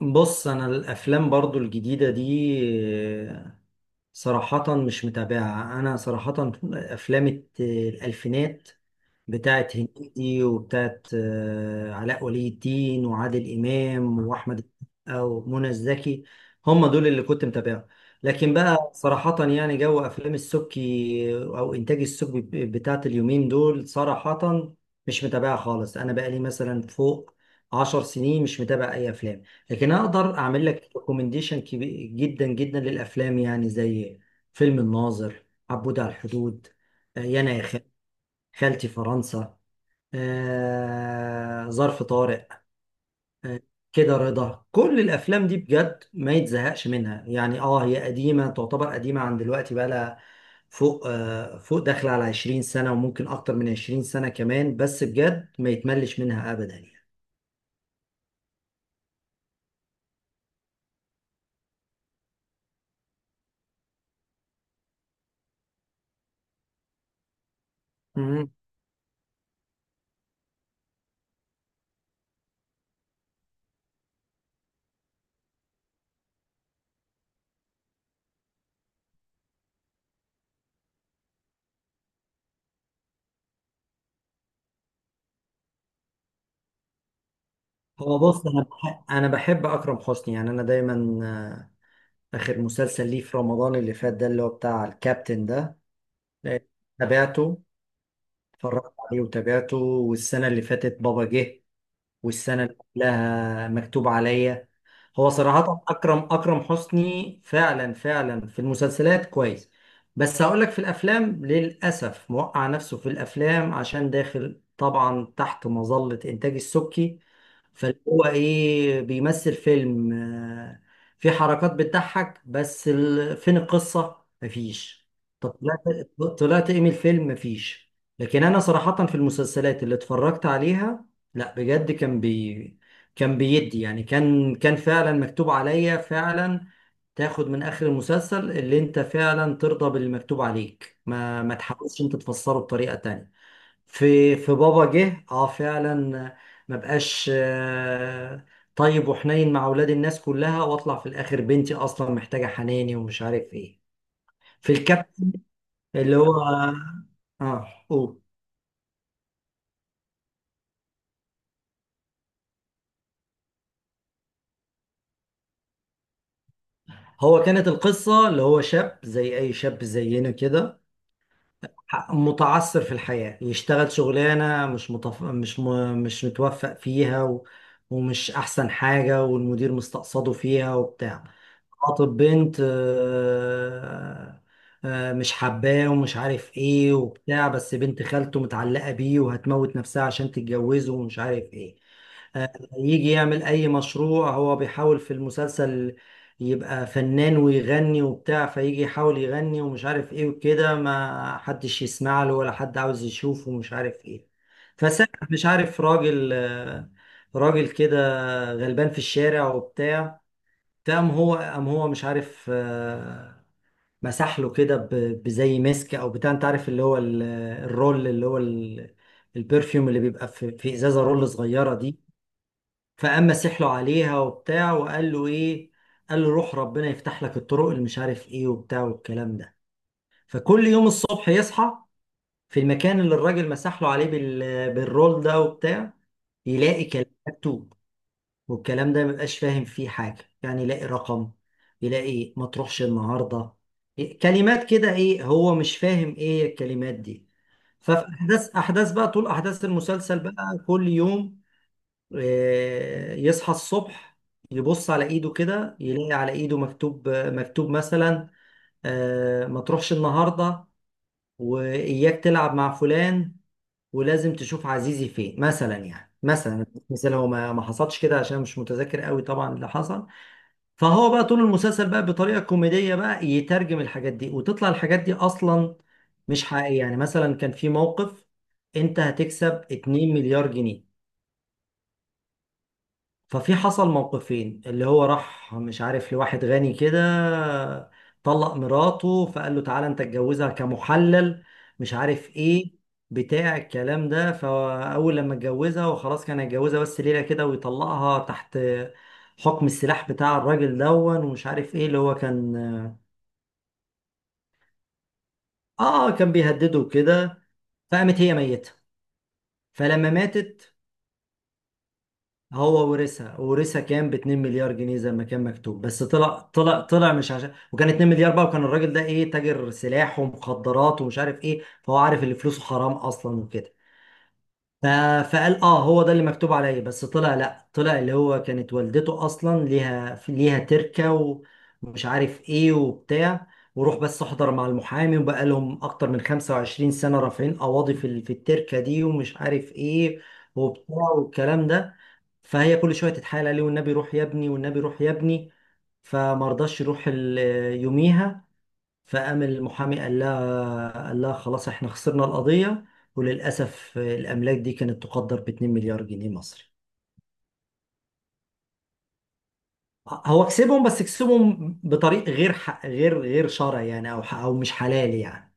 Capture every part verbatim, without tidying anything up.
بص انا الافلام برضو الجديده دي صراحه مش متابعه انا صراحه افلام الت- الالفينات بتاعت هنيدي وبتاعت آه، علاء ولي الدين وعادل امام واحمد السقا ومنى الزكي. هم دول اللي كنت متابعهم. لكن بقى صراحه يعني جو افلام السبكي او انتاج السبكي بتاعت اليومين دول صراحه مش متابعه خالص. انا بقالي مثلا فوق عشر سنين مش متابع اي افلام. لكن اقدر اعمل لك ريكومنديشن كبير جدا جدا للافلام يعني زي فيلم الناظر، عبود على الحدود، آه، يانا يا خال- خالتي فرنسا، آه، ظرف طارق. كده رضا كل الافلام دي بجد ما يتزهقش منها يعني. اه، هي قديمه، تعتبر قديمه عن دلوقتي، بقى لها فوق آه، فوق داخله على عشرين سنة سنه وممكن اكتر من عشرين سنة سنه كمان، بس بجد ما يتملش منها ابدا يعني. مم. هو بص، انا بح- انا بحب اكرم حسني يعني. انا دايما آه، آخر مسلسل ليه في رمضان اللي فات ده، اللي هو بتاع الكابتن ده، تابعته، اتفرجت عليه وتابعته. والسنة اللي فاتت بابا جه، والسنة اللي قبلها مكتوب عليا. هو صراحة أكرم أكرم حسني فعلا فعلا في المسلسلات كويس، بس هقولك في الأفلام للأسف موقع نفسه في الأفلام عشان داخل طبعا تحت مظلة إنتاج السبكي. فاللي هو إيه بيمثل فيلم آه، في حركات بتضحك بس ال- فين القصة؟ مفيش. طب طلعت، طلعت إيه من الفيلم؟ مفيش. لكن أنا صراحة في المسلسلات اللي اتفرجت عليها، لا بجد كان بي كان بيدي يعني، كان كان فعلا مكتوب عليا فعلا. تاخد من اخر المسلسل اللي انت فعلا ترضى باللي مكتوب عليك، ما ما تحاولش انت تفسره بطريقة تانية. في في بابا جه اه فعلا، ما بقاش آه، طيب وحنين مع اولاد الناس كلها، واطلع في الاخر بنتي اصلا محتاجة حناني ومش عارف ايه. في الكابتن اللي هو، اه قول، هو كانت القصة اللي هو شاب زي أي شاب زينا كده، متعثر في الحياة، يشتغل شغلانة مش متف... مش م... مش متوفق فيها و... ومش أحسن حاجة، والمدير مستقصده فيها وبتاع. خاطب بنت آه، آه، مش حباه ومش عارف ايه وبتاع، بس بنت خالته متعلقة بيه وهتموت نفسها عشان تتجوزه ومش عارف ايه. آه، يجي يعمل اي مشروع، هو بيحاول في المسلسل يبقى فنان ويغني وبتاع، فيجي يحاول يغني ومش عارف ايه وكده، ما حدش يسمع له ولا حد عاوز يشوفه ومش عارف ايه. فساعة مش عارف راجل آه، راجل كده غلبان في الشارع وبتاع. فقام هو قام هو مش عارف آه، مسح له كده ب- بزي مسك او بتاع، انت عارف اللي هو ال- الرول، اللي هو ال- البرفيوم اللي بيبقى في في ازازه رول صغيره دي. فقام مسح له عليها وبتاع، وقال له ايه، قال له روح ربنا يفتح لك الطرق اللي مش عارف ايه وبتاع والكلام ده. فكل يوم الصبح يصحى في المكان اللي الراجل مسح له عليه بال... بالرول ده وبتاع، يلاقي كلام مكتوب. والكلام ده مبقاش فاهم فيه حاجة يعني، يلاقي رقم، يلاقي ما تروحش النهاردة، إيه، كلمات كده، ايه هو مش فاهم ايه الكلمات دي. ففي احداث احداث بقى طول احداث المسلسل بقى كل يوم آه، يصحى الصبح يبص على ايده كده يلاقي على ايده مكتوب مكتوب مثلا، آه، ما تروحش النهارده، واياك تلعب مع فلان، ولازم تشوف عزيزي فين مثلا. يعني مثلا مثلا هو ما ما حصلش كده عشان مش متذكر قوي طبعا اللي حصل. فهو بقى طول المسلسل بقى بطريقه كوميديه بقى يترجم الحاجات دي، وتطلع الحاجات دي اصلا مش حقيقيه. يعني مثلا كان في موقف، انت هتكسب 2 مليار جنيه. ففي حصل موقفين، اللي هو راح مش عارف لواحد غني كده، طلق مراته فقال له تعالى انت اتجوزها كمحلل، مش عارف ايه بتاع الكلام ده. فاول لما اتجوزها وخلاص، كان هيتجوزها بس ليله كده ويطلقها، تحت حكم السلاح بتاع الراجل دون ومش عارف ايه. اللي هو كان، اه كان بيهدده كده. فقامت هي ميتة. فلما ماتت هو ورثها، ورثها كام، ب 2 مليار جنيه زي ما كان مكتوب. بس طلع طلع طلع مش عشان، وكان 2 مليار بقى، وكان الراجل ده ايه تاجر سلاح ومخدرات ومش عارف ايه، فهو عارف ان فلوسه حرام اصلا وكده. ف- فقال اه هو ده اللي مكتوب عليا، بس طلع لا، طلع اللي هو كانت والدته اصلا ليها ليها تركة، ومش عارف ايه وبتاع، وروح بس احضر مع المحامي، وبقى لهم اكتر من 25 سنة رافعين قواضي في ال- في التركة دي ومش عارف ايه وبتاع والكلام ده. فهي كل شوية تتحايل عليه، والنبي روح يا ابني، والنبي روح يا ابني. فما رضاش يروح ال- يوميها. فقام المحامي قال لها قال لها خلاص احنا خسرنا القضية، وللأسف الأملاك دي كانت تقدر ب 2 مليار جنيه مصري. هو كسبهم، بس كسبهم بطريق غير ح... غير غير شرعي يعني، أو ح... أو مش حلال يعني.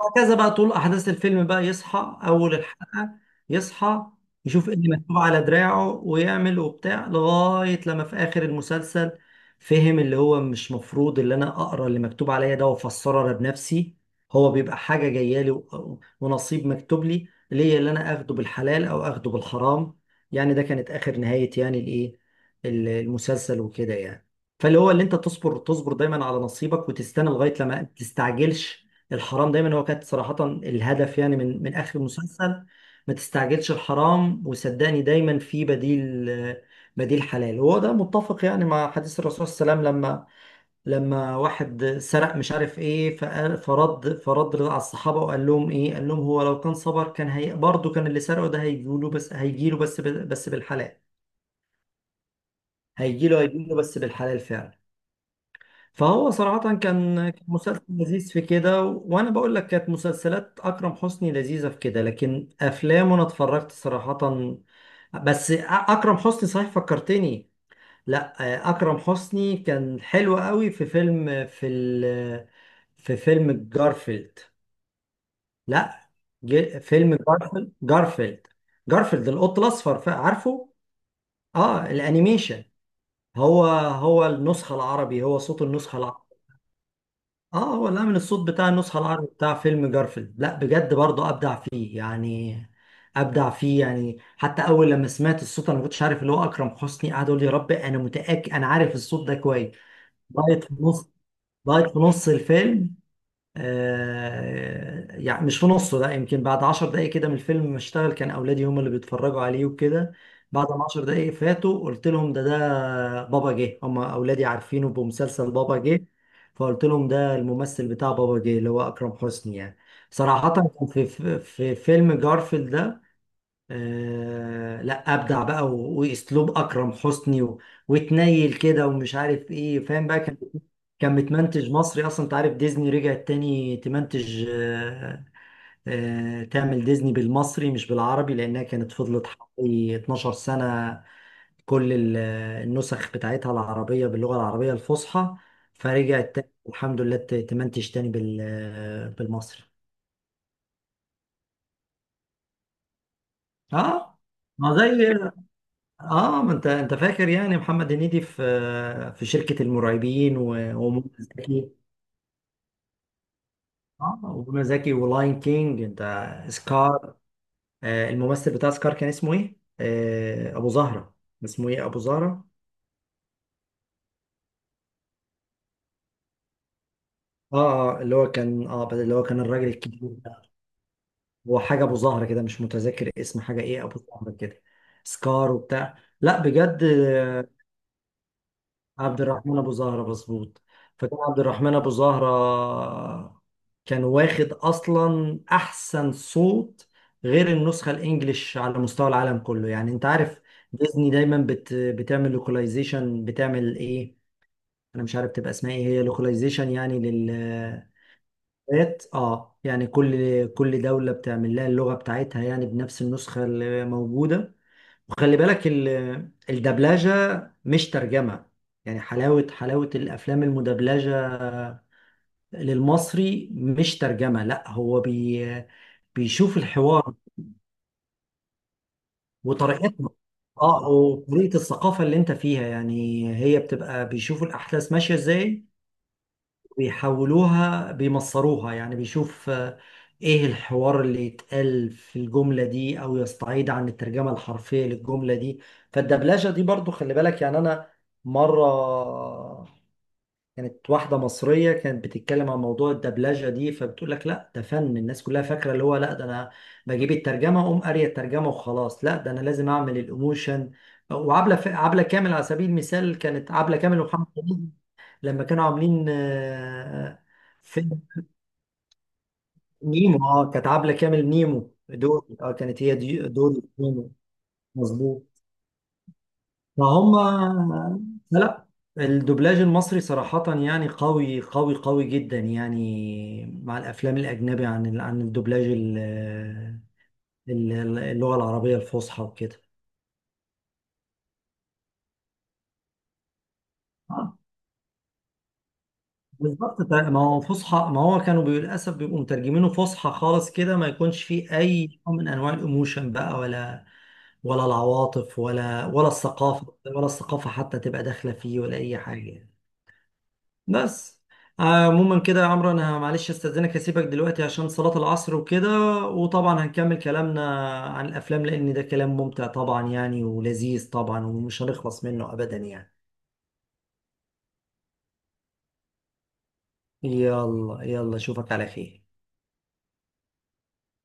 وهكذا بقى طول احداث الفيلم بقى يصحى اول الحلقه، يصحى يشوف إيه اللي مكتوب على دراعه ويعمل وبتاع، لغايه لما في اخر المسلسل فهم اللي هو مش مفروض اللي انا اقرا اللي مكتوب عليا ده وافسره انا بنفسي، هو بيبقى حاجه جايه لي و- ونصيب مكتوب لي ليا، اللي انا اخده بالحلال او اخده بالحرام. يعني ده كانت اخر نهايه يعني الايه ال- المسلسل وكده يعني. فاللي هو اللي انت تصبر، تصبر دايما على نصيبك وتستنى لغايه لما، تستعجلش الحرام دايما، هو كانت صراحة الهدف يعني من من آخر المسلسل. ما تستعجلش الحرام، وصدقني دايما في بديل، بديل حلال. هو ده متفق يعني مع حديث الرسول صلى الله عليه وسلم، لما لما واحد سرق مش عارف ايه، فقال- فرد فرد على الصحابة وقال لهم ايه، قال لهم هو لو كان صبر، كان هي برضه كان اللي سرقه ده هيجيله، بس هيجيله بس بس بالحلال. هيجيله هيجيله بس بالحلال فعلا. فهو صراحة كان، كان مسلسل لذيذ في كده، و- وأنا بقول لك كانت مسلسلات أكرم حسني لذيذة في كده، لكن أفلامه أنا اتفرجت صراحة. بس أ- أكرم حسني صحيح فكرتني، لا أكرم حسني كان حلو قوي في فيلم في ال في فيلم جارفيلد. لا، ج- فيلم جارفيلد، جارفيلد جارفيلد القط الأصفر، ف- عارفه؟ آه الأنيميشن. هو هو النسخة العربي، هو صوت النسخة العربي. اه هو، لا من الصوت بتاع النسخة العربي بتاع فيلم جارفيلد، لا بجد برضه ابدع فيه يعني، ابدع فيه يعني. حتى اول لما سمعت الصوت انا ما كنتش عارف، اللي هو اكرم حسني قاعد يقول لي يا رب انا متأكد انا عارف الصوت ده كويس، لغاية في نص، لغاية في نص الفيلم آه، يعني مش في نصه، لا يمكن بعد عشر دقايق كده من الفيلم ما اشتغل، كان اولادي هم اللي بيتفرجوا عليه وكده. بعد ما عشر دقايق فاتوا قلت لهم ده ده بابا جه، هم اولادي عارفينه بمسلسل بابا جه. فقلت لهم ده الممثل بتاع بابا جه اللي هو اكرم حسني يعني. صراحة كان في في في فيلم جارفيلد ده، آه لا ابدع بقى و- واسلوب اكرم حسني و... وتنيل كده ومش عارف ايه فاهم بقى. كان كان متمنتج مصري اصلا، انت عارف ديزني رجعت تاني تمنتج آه آه تعمل ديزني بالمصري مش بالعربي، لانها كانت فضلت حوالي 12 سنة كل ال- النسخ بتاعتها العربية باللغة العربية الفصحى. فرجعت تاني الحمد لله ت- تمنتج تاني بال... بالمصري. اه ما زي، اه ما انت، انت فاكر يعني محمد هنيدي في في شركة المرعبين و- ومنى زكي. اه ومنى زكي، ولاين كينج، انت، سكار. آه الممثل بتاع سكار كان اسمه ايه؟ آه ابو زهرة، اسمه ايه ابو زهرة؟ اه اه اللي هو كان، اه بس اللي هو كان الراجل الكبير ده، هو حاجة ابو زهرة كده مش متذكر اسم حاجة ايه ابو زهرة كده، سكار وبتاع لا بجد. عبد الرحمن ابو زهره مظبوط. فكان عبد الرحمن ابو زهره كان واخد اصلا احسن صوت غير النسخه الانجليش على مستوى العالم كله يعني. انت عارف ديزني دايما بت بتعمل لوكاليزيشن، بتعمل ايه انا مش عارف، تبقى اسمها ايه هي لوكاليزيشن يعني لل اه يعني كل كل دوله بتعمل لها اللغه بتاعتها يعني بنفس النسخه اللي موجوده. وخلي بالك ال- الدبلجة مش ترجمة. يعني حلاوة حلاوة الأفلام المدبلجة للمصري مش ترجمة، لا هو بي بيشوف الحوار وطريقتنا، اه وطريقة الثقافة اللي انت فيها يعني، هي بتبقى بيشوفوا الأحداث ماشية ازاي، بيحولوها بيمصروها يعني، بيشوف آه، ايه الحوار اللي يتقال في الجملة دي او يستعيد عن الترجمة الحرفية للجملة دي. فالدبلجة دي برضو خلي بالك يعني. انا مرة كانت واحدة مصرية كانت بتتكلم عن موضوع الدبلجة دي، فبتقول لك لا ده فن، الناس كلها فاكرة اللي هو لا ده انا بجيب الترجمة اقوم قارية الترجمة وخلاص، لا ده انا لازم اعمل الايموشن. وعبلة عبلة كامل على سبيل المثال، كانت عبلة كامل ومحمد لما كانوا عاملين آه، فيلم نيمو، اه كانت عبلة كامل نيمو دوري، اه كانت هي دي دوري نيمو، مظبوط. فهم، لا الدوبلاج المصري صراحة يعني قوي قوي قوي جدا يعني مع الأفلام الأجنبي عن ال- عن الدوبلاج ال- آه، ال- اللغة العربية الفصحى وكده. آه، بالظبط، طيب، ما هو فصحى، ما هو كانوا بي- للأسف بيبقوا مترجمينه فصحى خالص كده، ما يكونش فيه أي نوع من أنواع الإيموشن بقى، ولا ولا العواطف، ولا ولا الثقافة ولا الثقافة حتى تبقى داخلة فيه، ولا أي حاجة. بس عموما كده يا عمرو، أنا معلش أستأذنك أسيبك دلوقتي عشان صلاة العصر وكده، وطبعا هنكمل كلامنا عن الأفلام، لأن ده كلام ممتع طبعا يعني ولذيذ طبعا ومش هنخلص منه أبدا يعني. يلا يلا، أشوفك على خير.